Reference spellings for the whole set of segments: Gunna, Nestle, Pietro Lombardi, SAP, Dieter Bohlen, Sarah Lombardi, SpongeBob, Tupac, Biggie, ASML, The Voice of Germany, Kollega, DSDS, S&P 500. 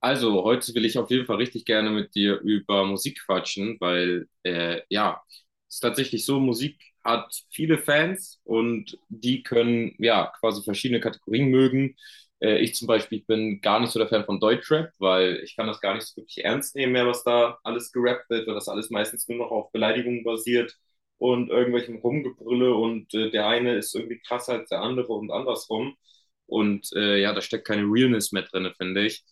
Also, heute will ich auf jeden Fall richtig gerne mit dir über Musik quatschen, weil ja, es ist tatsächlich so, Musik hat viele Fans und die können ja quasi verschiedene Kategorien mögen. Ich zum Beispiel bin gar nicht so der Fan von Deutschrap, weil ich kann das gar nicht so wirklich ernst nehmen mehr, was da alles gerappt wird, weil das alles meistens nur noch auf Beleidigungen basiert und irgendwelchem Rumgebrülle und der eine ist irgendwie krasser als der andere und andersrum. Und ja, da steckt keine Realness mehr drin, finde ich.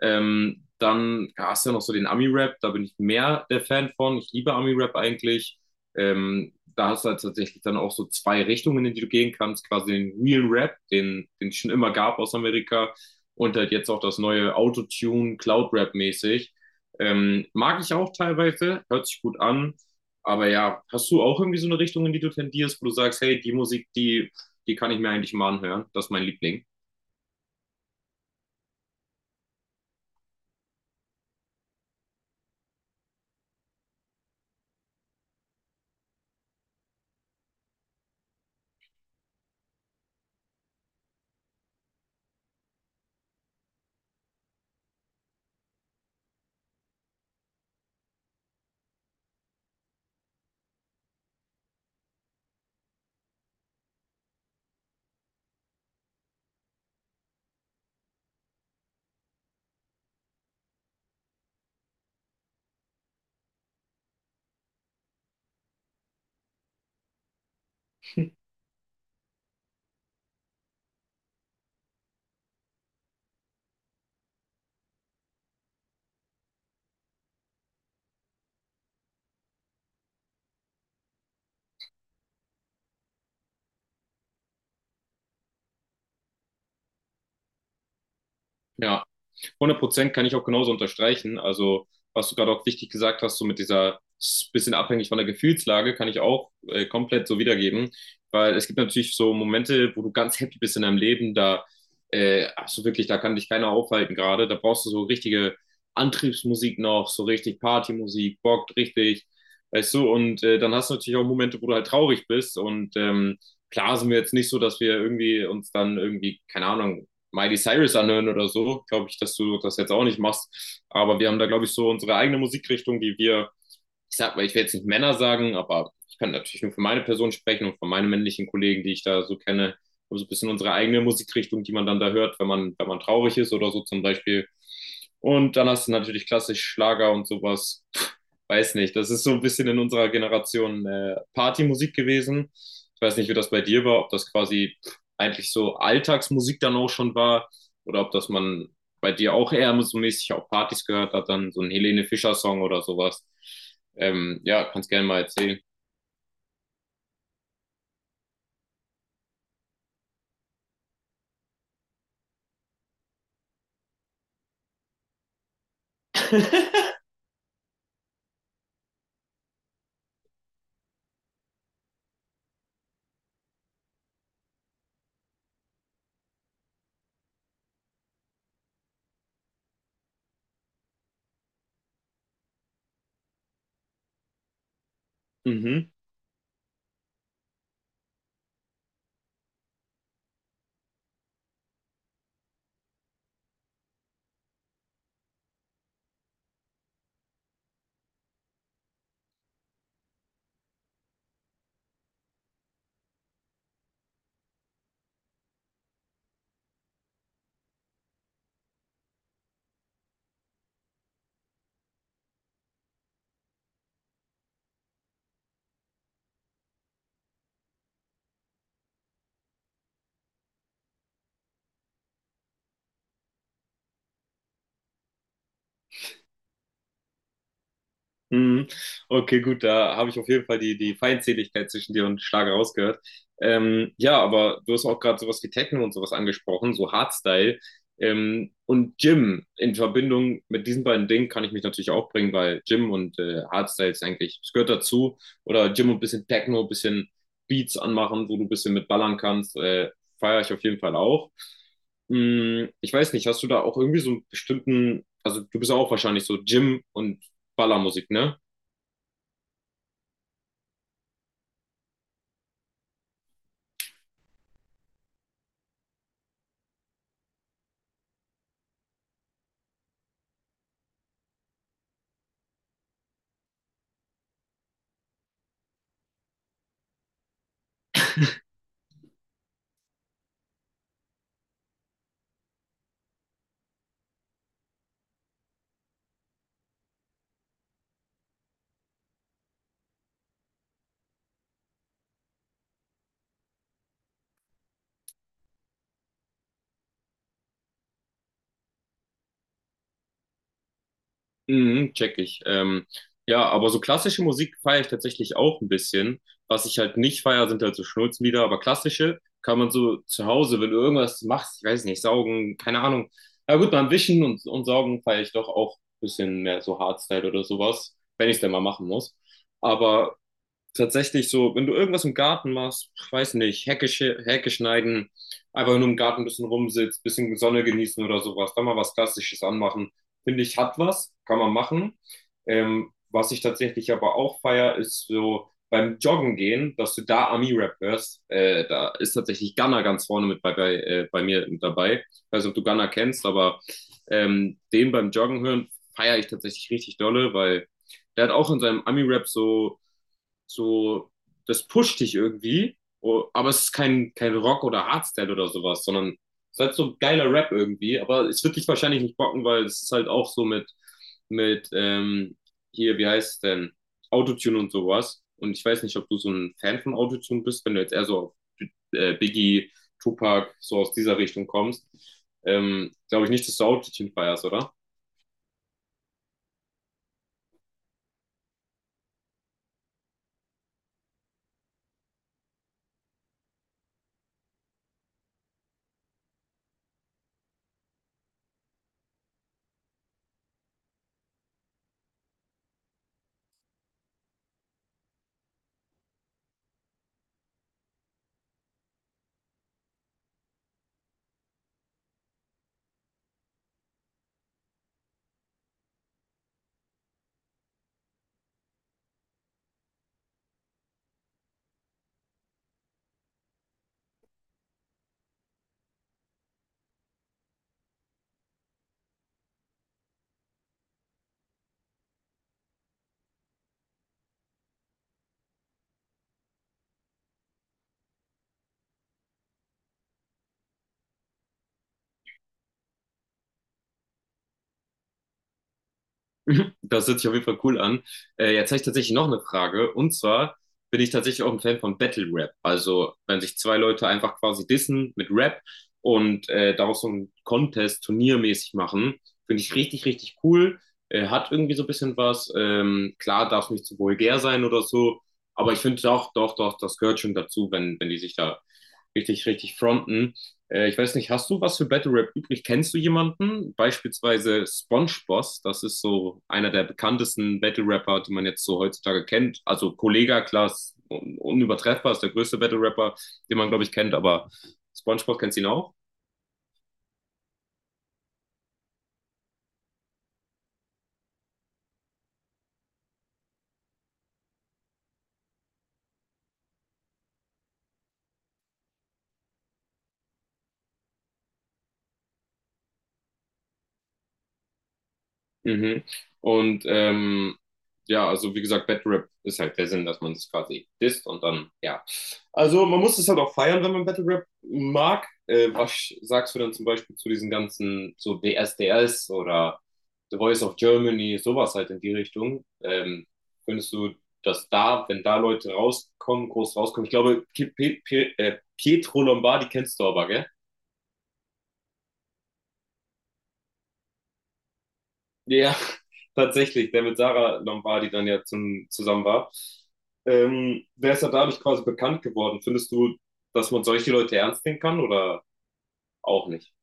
Dann ja, hast du ja noch so den Ami-Rap, da bin ich mehr der Fan von. Ich liebe Ami-Rap eigentlich. Da hast du halt tatsächlich dann auch so zwei Richtungen, in die du gehen kannst. Quasi den Real Rap, den es schon immer gab aus Amerika. Und halt jetzt auch das neue Autotune, Cloud Rap mäßig. Mag ich auch teilweise, hört sich gut an. Aber ja, hast du auch irgendwie so eine Richtung, in die du tendierst, wo du sagst, hey, die kann ich mir eigentlich mal anhören. Das ist mein Liebling. Ja, 100% kann ich auch genauso unterstreichen. Also, was du gerade auch wichtig gesagt hast, so mit dieser bisschen abhängig von der Gefühlslage, kann ich auch komplett so wiedergeben. Weil es gibt natürlich so Momente, wo du ganz happy bist in deinem Leben, da hast du wirklich, da kann dich keiner aufhalten gerade. Da brauchst du so richtige Antriebsmusik noch, so richtig Partymusik, bockt richtig, weißt du. Und dann hast du natürlich auch Momente, wo du halt traurig bist und klar sind wir jetzt nicht so, dass wir keine Ahnung, Miley Cyrus anhören oder so, glaube ich, dass du das jetzt auch nicht machst. Aber wir haben da, glaube ich, so unsere eigene Musikrichtung, die wir. Ich sag mal, ich will jetzt nicht Männer sagen, aber ich kann natürlich nur für meine Person sprechen und für meine männlichen Kollegen, die ich da so kenne, Um so also ein bisschen unsere eigene Musikrichtung, die man dann da hört, wenn man traurig ist oder so zum Beispiel. Und dann hast du natürlich klassisch Schlager und sowas. Weiß nicht, das ist so ein bisschen in unserer Generation Partymusik gewesen. Ich weiß nicht, wie das bei dir war, ob das quasi eigentlich so Alltagsmusik dann auch schon war oder ob das man bei dir auch eher so mäßig auf Partys gehört hat, dann so ein Helene Fischer-Song oder sowas. Ja, kannst gerne mal erzählen. Mhm. Mhm. Okay, gut, da habe ich auf jeden Fall die Feindseligkeit zwischen dir und Schlager rausgehört. Ja, aber du hast auch gerade sowas wie Techno und sowas angesprochen, so Hardstyle. Und Gym in Verbindung mit diesen beiden Dingen kann ich mich natürlich auch bringen, weil Gym und Hardstyle ist eigentlich, es gehört dazu. Oder Gym und ein bisschen Techno, ein bisschen Beats anmachen, wo du ein bisschen mit ballern kannst, feiere ich auf jeden Fall auch. Ich weiß nicht, hast du da auch irgendwie so einen bestimmten, also du bist auch wahrscheinlich so Gym und Ballermusik, ne? Mhm, check ich. Ja, aber so klassische Musik feiere ich tatsächlich auch ein bisschen. Was ich halt nicht feiere, sind halt so Schnulzenlieder, aber klassische kann man so zu Hause, wenn du irgendwas machst, ich weiß nicht, saugen, keine Ahnung. Na gut, beim Wischen und Saugen feiere ich doch auch ein bisschen mehr so Hardstyle oder sowas, wenn ich es denn mal machen muss. Aber tatsächlich so, wenn du irgendwas im Garten machst, weiß nicht, Hecke schneiden, einfach nur im Garten ein bisschen rumsitzt, bisschen Sonne genießen oder sowas, dann mal was Klassisches anmachen, finde ich, hat was, kann man machen. Was ich tatsächlich aber auch feier, ist so beim Joggen gehen, dass du da Ami-Rap hörst. Da ist tatsächlich Gunna ganz vorne mit bei mir mit dabei. Ich weiß nicht, ob du Gunna kennst, aber den beim Joggen hören feiere ich tatsächlich richtig dolle, weil der hat auch in seinem Ami-Rap so, das pusht dich irgendwie, oh, aber es ist kein Rock oder Hardstyle oder sowas, sondern es ist halt so geiler Rap irgendwie, aber es wird dich wahrscheinlich nicht bocken, weil es ist halt auch so mit hier, wie heißt es denn, Autotune und sowas. Und ich weiß nicht, ob du so ein Fan von Autotune bist, wenn du jetzt eher so auf Biggie, Tupac, so aus dieser Richtung kommst. Glaube ich nicht, dass du Autotune feierst, oder? Das hört sich auf jeden Fall cool an. Jetzt habe ich tatsächlich noch eine Frage. Und zwar bin ich tatsächlich auch ein Fan von Battle Rap. Also, wenn sich zwei Leute einfach quasi dissen mit Rap und daraus so ein Contest turniermäßig machen, finde ich richtig, richtig cool. Hat irgendwie so ein bisschen was. Klar, darf es nicht zu vulgär sein oder so. Aber ich finde doch, doch, doch, das gehört schon dazu, wenn die sich da richtig, richtig fronten. Ich weiß nicht, hast du was für Battle Rap übrig? Kennst du jemanden? Beispielsweise SpongeBob. Das ist so einer der bekanntesten Battle Rapper, die man jetzt so heutzutage kennt. Also Kollega, klar, ist un unübertreffbar, ist der größte Battle Rapper, den man, glaube ich, kennt, aber SpongeBob kennst du ihn auch? Mhm. Und ja, also wie gesagt, Battle Rap ist halt der Sinn, dass man das quasi disst und dann, ja. Also man muss es halt auch feiern, wenn man Battle Rap mag. Was sagst du dann zum Beispiel zu diesen ganzen, so DSDS oder The Voice of Germany, sowas halt in die Richtung? Findest du, dass da, wenn da Leute rauskommen, groß rauskommen? Ich glaube, P P P Pietro Lombardi kennst du aber, gell? Ja, tatsächlich, der mit Sarah Lombardi dann ja zusammen war. Der ist ja dadurch quasi bekannt geworden. Findest du, dass man solche Leute ernst nehmen kann oder auch nicht?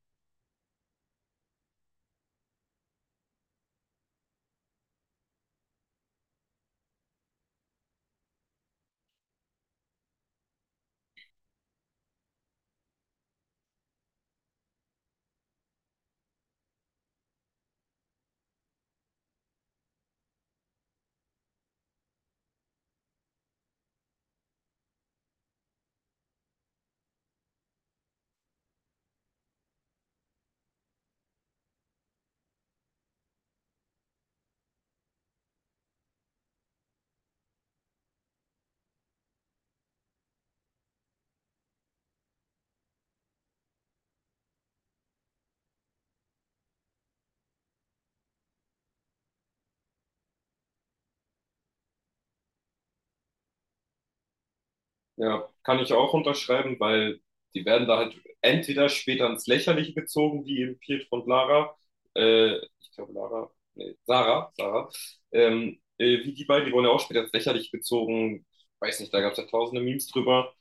Ja, kann ich auch unterschreiben, weil die werden da halt entweder später ins Lächerliche gezogen, wie eben Pietro und Lara, ich glaube Lara, nee, Sarah, Sarah, wie die beiden, die wurden ja auch später ins Lächerliche gezogen, weiß nicht, da gab es ja tausende Memes drüber.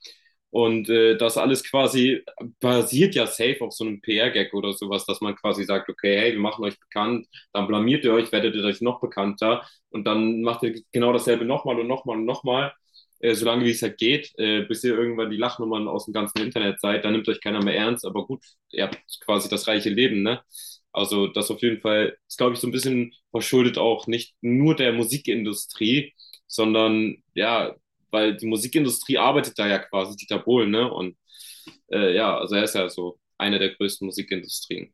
Und das alles quasi basiert ja safe auf so einem PR-Gag oder sowas, dass man quasi sagt, okay, hey, wir machen euch bekannt, dann blamiert ihr euch, werdet ihr euch noch bekannter und dann macht ihr genau dasselbe nochmal und nochmal und nochmal, solange wie es halt geht, bis ihr irgendwann die Lachnummern aus dem ganzen Internet seid, dann nimmt euch keiner mehr ernst, aber gut, ihr habt quasi das reiche Leben, ne? Also das auf jeden Fall ist, glaube ich, so ein bisschen verschuldet auch nicht nur der Musikindustrie, sondern ja, weil die Musikindustrie arbeitet da ja quasi, Dieter Bohlen, ne? Und ja, also er ist ja so eine der größten Musikindustrien.